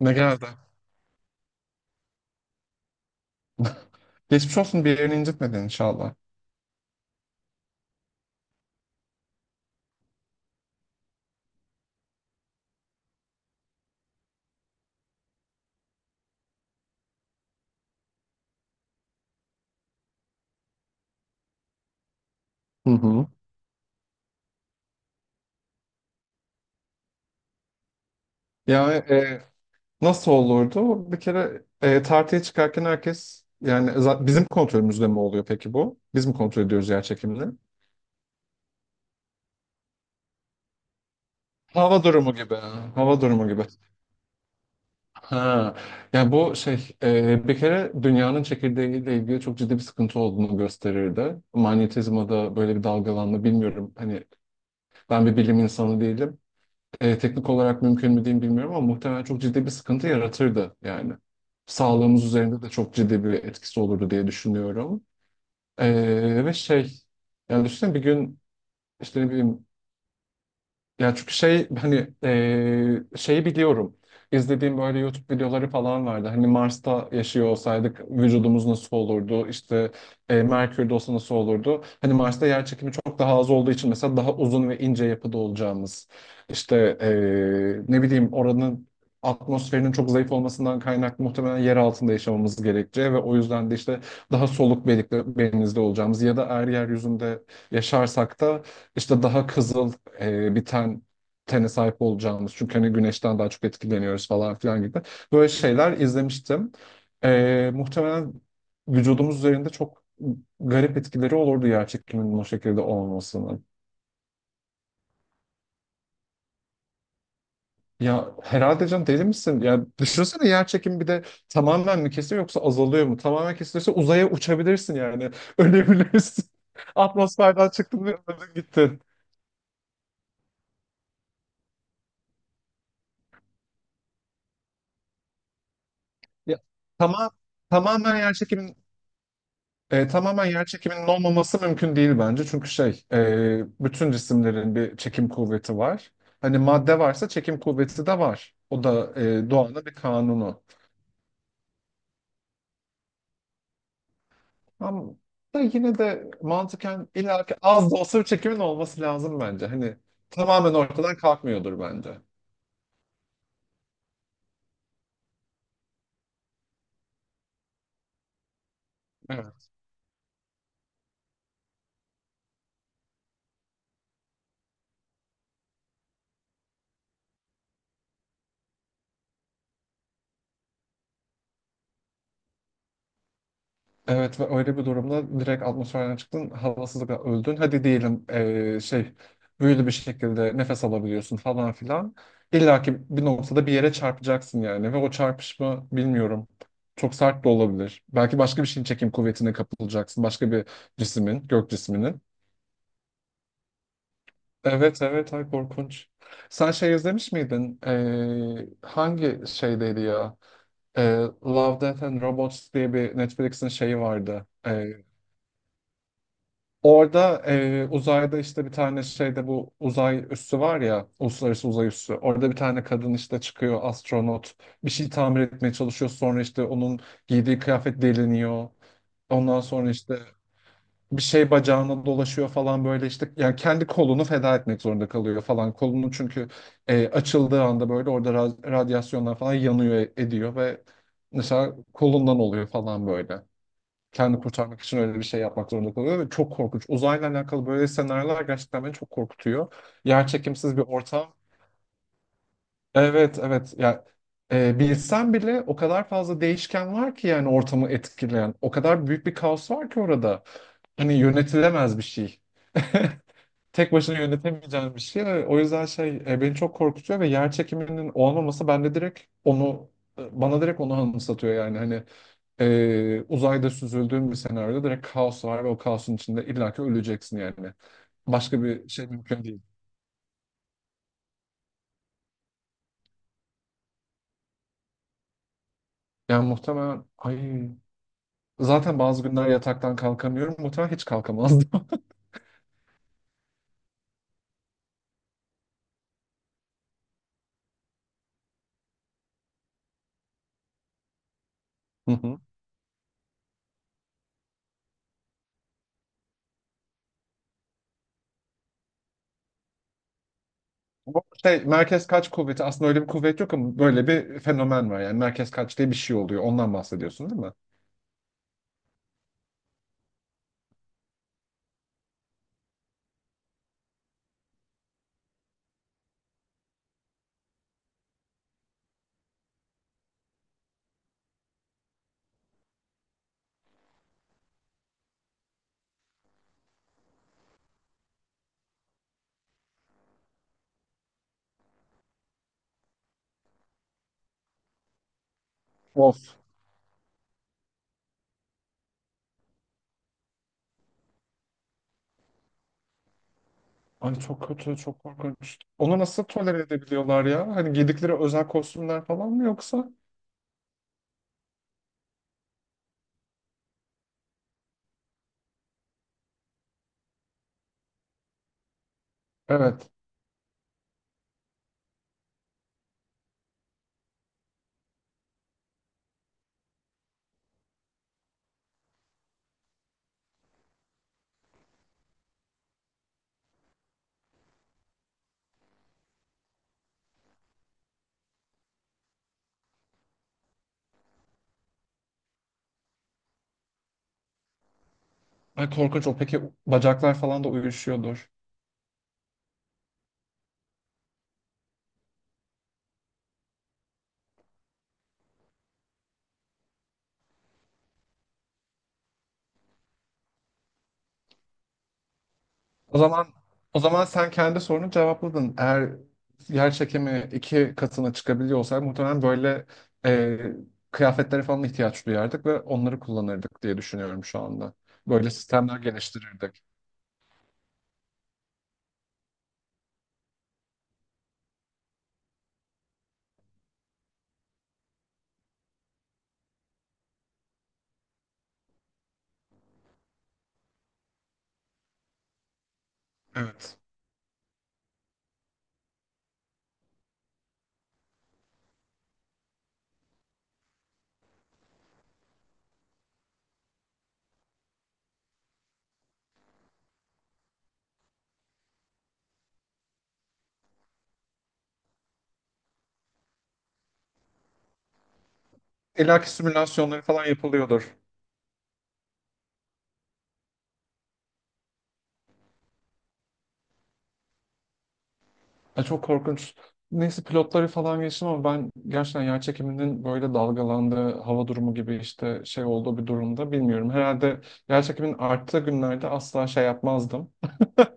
Ne geldi? Geçmiş olsun, bir yerini incitmedin inşallah. Hı hı. Yani nasıl olurdu? Bir kere tartıya çıkarken herkes yani bizim kontrolümüzde mi oluyor peki bu? Biz mi kontrol ediyoruz yer çekimini? Hava durumu gibi. Hava durumu gibi. Ha. Yani bu şey bir kere dünyanın çekirdeğiyle ilgili çok ciddi bir sıkıntı olduğunu gösterirdi. Manyetizmada böyle bir dalgalanma, bilmiyorum. Hani ben bir bilim insanı değilim. Teknik olarak mümkün mü diyeyim bilmiyorum ama muhtemelen çok ciddi bir sıkıntı yaratırdı yani. Sağlığımız üzerinde de çok ciddi bir etkisi olurdu diye düşünüyorum. Ve şey, yani düşünsene bir gün, işte ne bileyim, ya çünkü şey, hani şeyi biliyorum. İzlediğim böyle YouTube videoları falan vardı. Hani Mars'ta yaşıyor olsaydık vücudumuz nasıl olurdu? İşte Merkür'de olsa nasıl olurdu? Hani Mars'ta yer çekimi çok daha az olduğu için mesela daha uzun ve ince yapıda olacağımız. İşte ne bileyim, oranın atmosferinin çok zayıf olmasından kaynaklı muhtemelen yer altında yaşamamız gerekeceği ve o yüzden de işte daha soluk benizli olacağımız ya da eğer yeryüzünde yaşarsak da işte daha kızıl biten tene sahip olacağımız. Çünkü hani güneşten daha çok etkileniyoruz falan filan gibi. Böyle şeyler izlemiştim. Muhtemelen vücudumuz üzerinde çok garip etkileri olurdu yer çekiminin o şekilde olmasının. Ya herhalde, can deli misin? Ya düşünsene, yer çekimi bir de tamamen mi kesiyor yoksa azalıyor mu? Tamamen kesilirse uzaya uçabilirsin yani. Ölebilirsin. Atmosferden çıktın ve öldün gittin. Ya, tamam, tamamen yer çekiminin... Tamamen yer çekiminin olmaması mümkün değil bence. Çünkü şey, bütün cisimlerin bir çekim kuvveti var. Hani madde varsa çekim kuvveti de var. O da doğanın bir kanunu. Ama da yine de mantıken illaki az da olsa bir çekimin olması lazım bence. Hani tamamen ortadan kalkmıyordur bence. Evet, ve öyle bir durumda direkt atmosferden çıktın, havasızlıkla öldün. Hadi diyelim şey, büyülü bir şekilde nefes alabiliyorsun falan filan. İlla ki bir noktada bir yere çarpacaksın yani ve o çarpışma, bilmiyorum. Çok sert de olabilir. Belki başka bir şeyin çekim kuvvetine kapılacaksın. Başka bir cismin, gök cisminin. Evet, evet, ay korkunç. Sen şey izlemiş miydin? Hangi şeydeydi ya? Love, Death and Robots diye bir Netflix'in şeyi vardı. Orada uzayda işte bir tane şeyde, bu uzay üssü var ya, uluslararası uzay üssü. Orada bir tane kadın işte çıkıyor, astronot. Bir şey tamir etmeye çalışıyor. Sonra işte onun giydiği kıyafet deliniyor. Ondan sonra işte bir şey bacağına dolaşıyor falan böyle, işte yani kendi kolunu feda etmek zorunda kalıyor falan. Kolunu, çünkü açıldığı anda böyle orada radyasyonlar falan yanıyor ediyor ve mesela kolundan oluyor falan böyle. Kendi kurtarmak için öyle bir şey yapmak zorunda kalıyor ve çok korkunç. Uzayla alakalı böyle senaryolar gerçekten beni çok korkutuyor. Yerçekimsiz bir ortam. Evet, evet. Ya bilsen bile o kadar fazla değişken var ki yani ortamı etkileyen. O kadar büyük bir kaos var ki orada. Hani yönetilemez bir şey. Tek başına yönetemeyeceğin bir şey. O yüzden şey, beni çok korkutuyor ve yer çekiminin olmaması bende direkt onu, bana direkt onu anımsatıyor yani, hani uzayda süzüldüğün bir senaryoda direkt kaos var ve o kaosun içinde illaki öleceksin yani. Başka bir şey mümkün değil. Yani muhtemelen ay, zaten bazı günler yataktan kalkamıyorum. Muhtemelen hiç kalkamazdım. Hı hı. Bu şey merkez kaç kuvveti, aslında öyle bir kuvvet yok ama böyle bir fenomen var. Yani merkez kaç diye bir şey oluyor. Ondan bahsediyorsun değil mi? Of. Ay çok kötü, çok korkunç. Onu nasıl tolere edebiliyorlar ya? Hani giydikleri özel kostümler falan mı yoksa? Evet. Ay korkunç o. Peki bacaklar falan da uyuşuyordur. O zaman, o zaman sen kendi sorunu cevapladın. Eğer yer çekimi iki katına çıkabiliyor olsaydı muhtemelen böyle e, kıyafetlere falan ihtiyaç duyardık ve onları kullanırdık diye düşünüyorum şu anda. Böyle sistemler geliştirirdik. Evet. İlla ki simülasyonları falan yapılıyordur. Ya çok korkunç. Neyse pilotları falan geçtim ama ben gerçekten yer çekiminin böyle dalgalandığı, hava durumu gibi işte şey olduğu bir durumda, bilmiyorum. Herhalde yer çekiminin arttığı günlerde asla şey yapmazdım.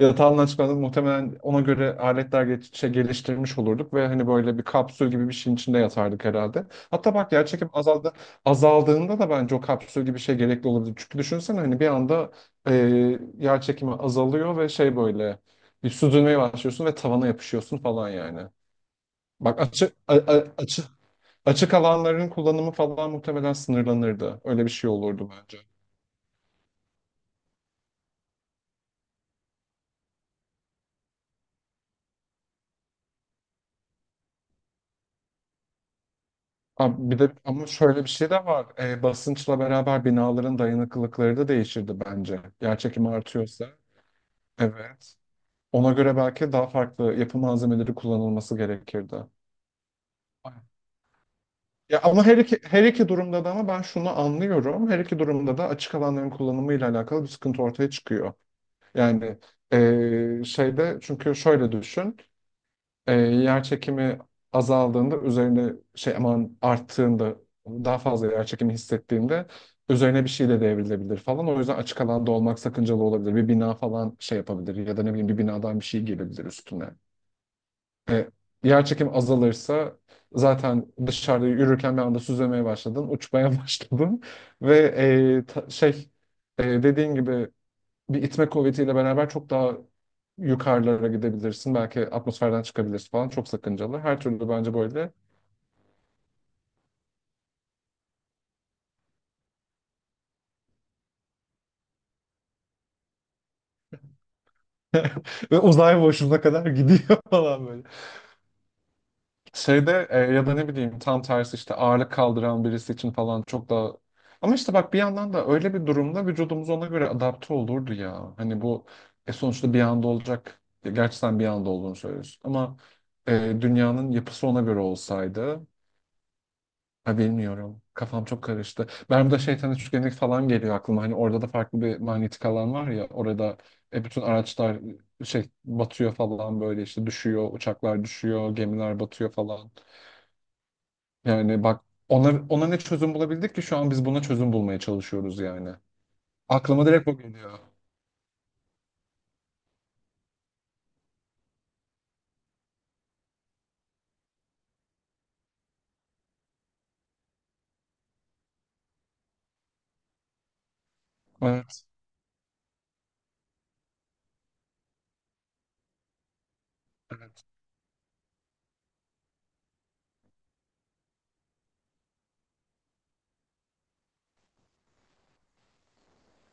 Yatağımdan çıkmadan, muhtemelen ona göre aletler şey geliştirmiş olurduk ve hani böyle bir kapsül gibi bir şeyin içinde yatardık herhalde. Hatta bak, yer çekim azaldı, azaldığında da bence o kapsül gibi bir şey gerekli olabilir. Çünkü düşünsene, hani bir anda e, yer çekimi azalıyor ve şey böyle bir süzülmeye başlıyorsun ve tavana yapışıyorsun falan yani. Bak, açık açık alanların kullanımı falan muhtemelen sınırlanırdı. Öyle bir şey olurdu bence. Abi bir de ama şöyle bir şey de var. Basınçla beraber binaların dayanıklılıkları da değişirdi bence. Yer çekimi artıyorsa. Evet. Ona göre belki daha farklı yapı malzemeleri kullanılması gerekirdi. Aynen. Ya ama her iki durumda da, ama ben şunu anlıyorum. Her iki durumda da açık alanların kullanımıyla alakalı bir sıkıntı ortaya çıkıyor. Yani şeyde, çünkü şöyle düşün. Yer çekimi azaldığında üzerine şey, aman, arttığında daha fazla yer çekimi hissettiğinde üzerine bir şey de devrilebilir falan. O yüzden açık alanda olmak sakıncalı olabilir. Bir bina falan şey yapabilir ya da ne bileyim, bir binadan bir şey gelebilir üstüne. E, Yer çekimi azalırsa zaten dışarıda yürürken bir anda süzülmeye başladın, uçmaya başladın ve şey, dediğin gibi bir itme kuvvetiyle beraber çok daha yukarılara gidebilirsin. Belki atmosferden çıkabilirsin falan. Çok sakıncalı. Her türlü bence böyle. Ve uzay boşluğuna kadar gidiyor falan böyle. Şeyde ya da ne bileyim, tam tersi, işte ağırlık kaldıran birisi için falan çok daha... Ama işte bak, bir yandan da öyle bir durumda vücudumuz ona göre adapte olurdu ya. Hani bu sonuçta bir anda olacak. Gerçi sen bir anda olduğunu söylüyorsun. Ama e, dünyanın yapısı ona göre olsaydı... Ha, bilmiyorum. Kafam çok karıştı. Bermuda Şeytan Üçgeni falan geliyor aklıma. Hani orada da farklı bir manyetik alan var ya. Orada bütün araçlar şey batıyor falan böyle, işte düşüyor. Uçaklar düşüyor. Gemiler batıyor falan. Yani bak, ona ne çözüm bulabildik ki şu an biz buna çözüm bulmaya çalışıyoruz yani. Aklıma direkt o geliyor. Evet.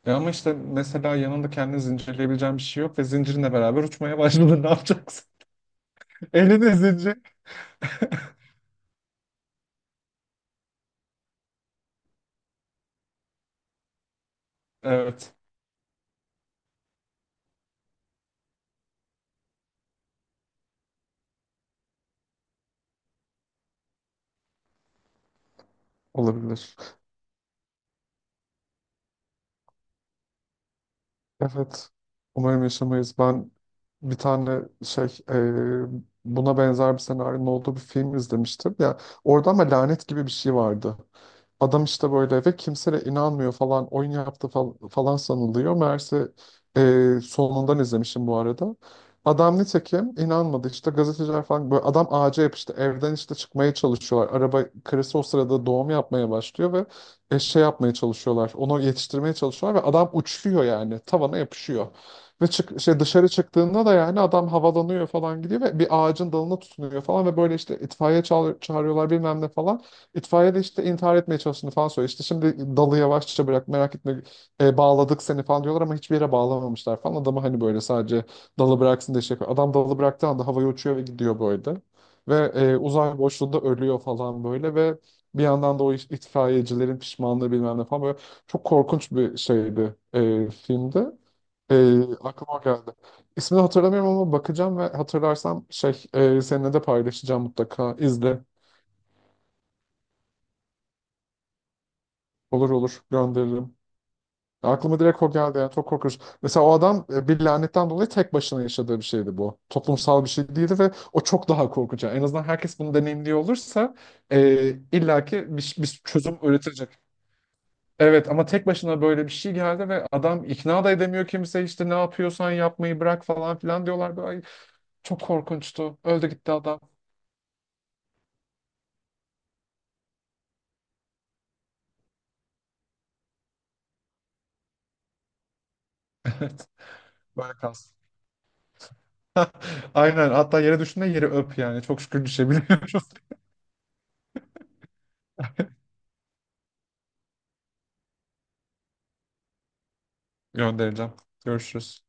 Ya ama işte mesela yanında kendini zincirleyebileceğin bir şey yok ve zincirinle beraber uçmaya başladın. Ne yapacaksın? Elinde zincir. Evet. Olabilir. Evet. Umarım yaşamayız. Ben bir tane şey, buna benzer bir senaryonun olduğu bir film izlemiştim. Ya orada ama lanet gibi bir şey vardı. Adam işte böyle ve kimse de inanmıyor falan, oyun yaptı falan sanılıyor. Meğerse sonundan izlemişim bu arada. Adam nitekim inanmadı, işte gazeteciler falan böyle, adam ağaca yapıştı, evden işte çıkmaya çalışıyorlar. Araba, karısı o sırada doğum yapmaya başlıyor ve şey yapmaya çalışıyorlar. Onu yetiştirmeye çalışıyorlar ve adam uçuyor yani. Tavana yapışıyor. Ve çık, şey, dışarı çıktığında da yani adam havalanıyor falan, gidiyor ve bir ağacın dalına tutunuyor falan ve böyle işte itfaiye çağırıyorlar, bilmem ne falan. İtfaiye de işte intihar etmeye çalıştığını falan söylüyor. İşte şimdi dalı yavaşça bırak, merak etme, bağladık seni falan diyorlar ama hiçbir yere bağlamamışlar falan. Adamı hani böyle sadece dalı bıraksın diye şey yapıyor. Adam dalı bıraktığı anda havaya uçuyor ve gidiyor böyle. Ve uzay boşluğunda ölüyor falan böyle ve bir yandan da o itfaiyecilerin pişmanlığı, bilmem ne falan, böyle çok korkunç bir şeydi filmde. Aklıma o geldi. İsmini hatırlamıyorum ama bakacağım ve hatırlarsam şey, seninle de paylaşacağım mutlaka. İzle. Olur olur, gönderirim. Aklıma direkt o geldi yani, çok korkunç. Mesela o adam bir lanetten dolayı tek başına yaşadığı bir şeydi bu. Toplumsal bir şey değildi ve o çok daha korkunç. Yani en azından herkes bunu deneyimliyor olursa illaki bir çözüm üretilecek. Evet ama tek başına böyle bir şey geldi ve adam ikna da edemiyor, kimse işte "ne yapıyorsan yapmayı bırak" falan filan diyorlar. Böyle, "Ay, çok korkunçtu." Öldü gitti adam. Evet. Böyle kalsın. Aynen. Hatta yere düşünde yeri öp yani. Çok şükür düşebiliyoruz. Göndereceğim. Görüşürüz.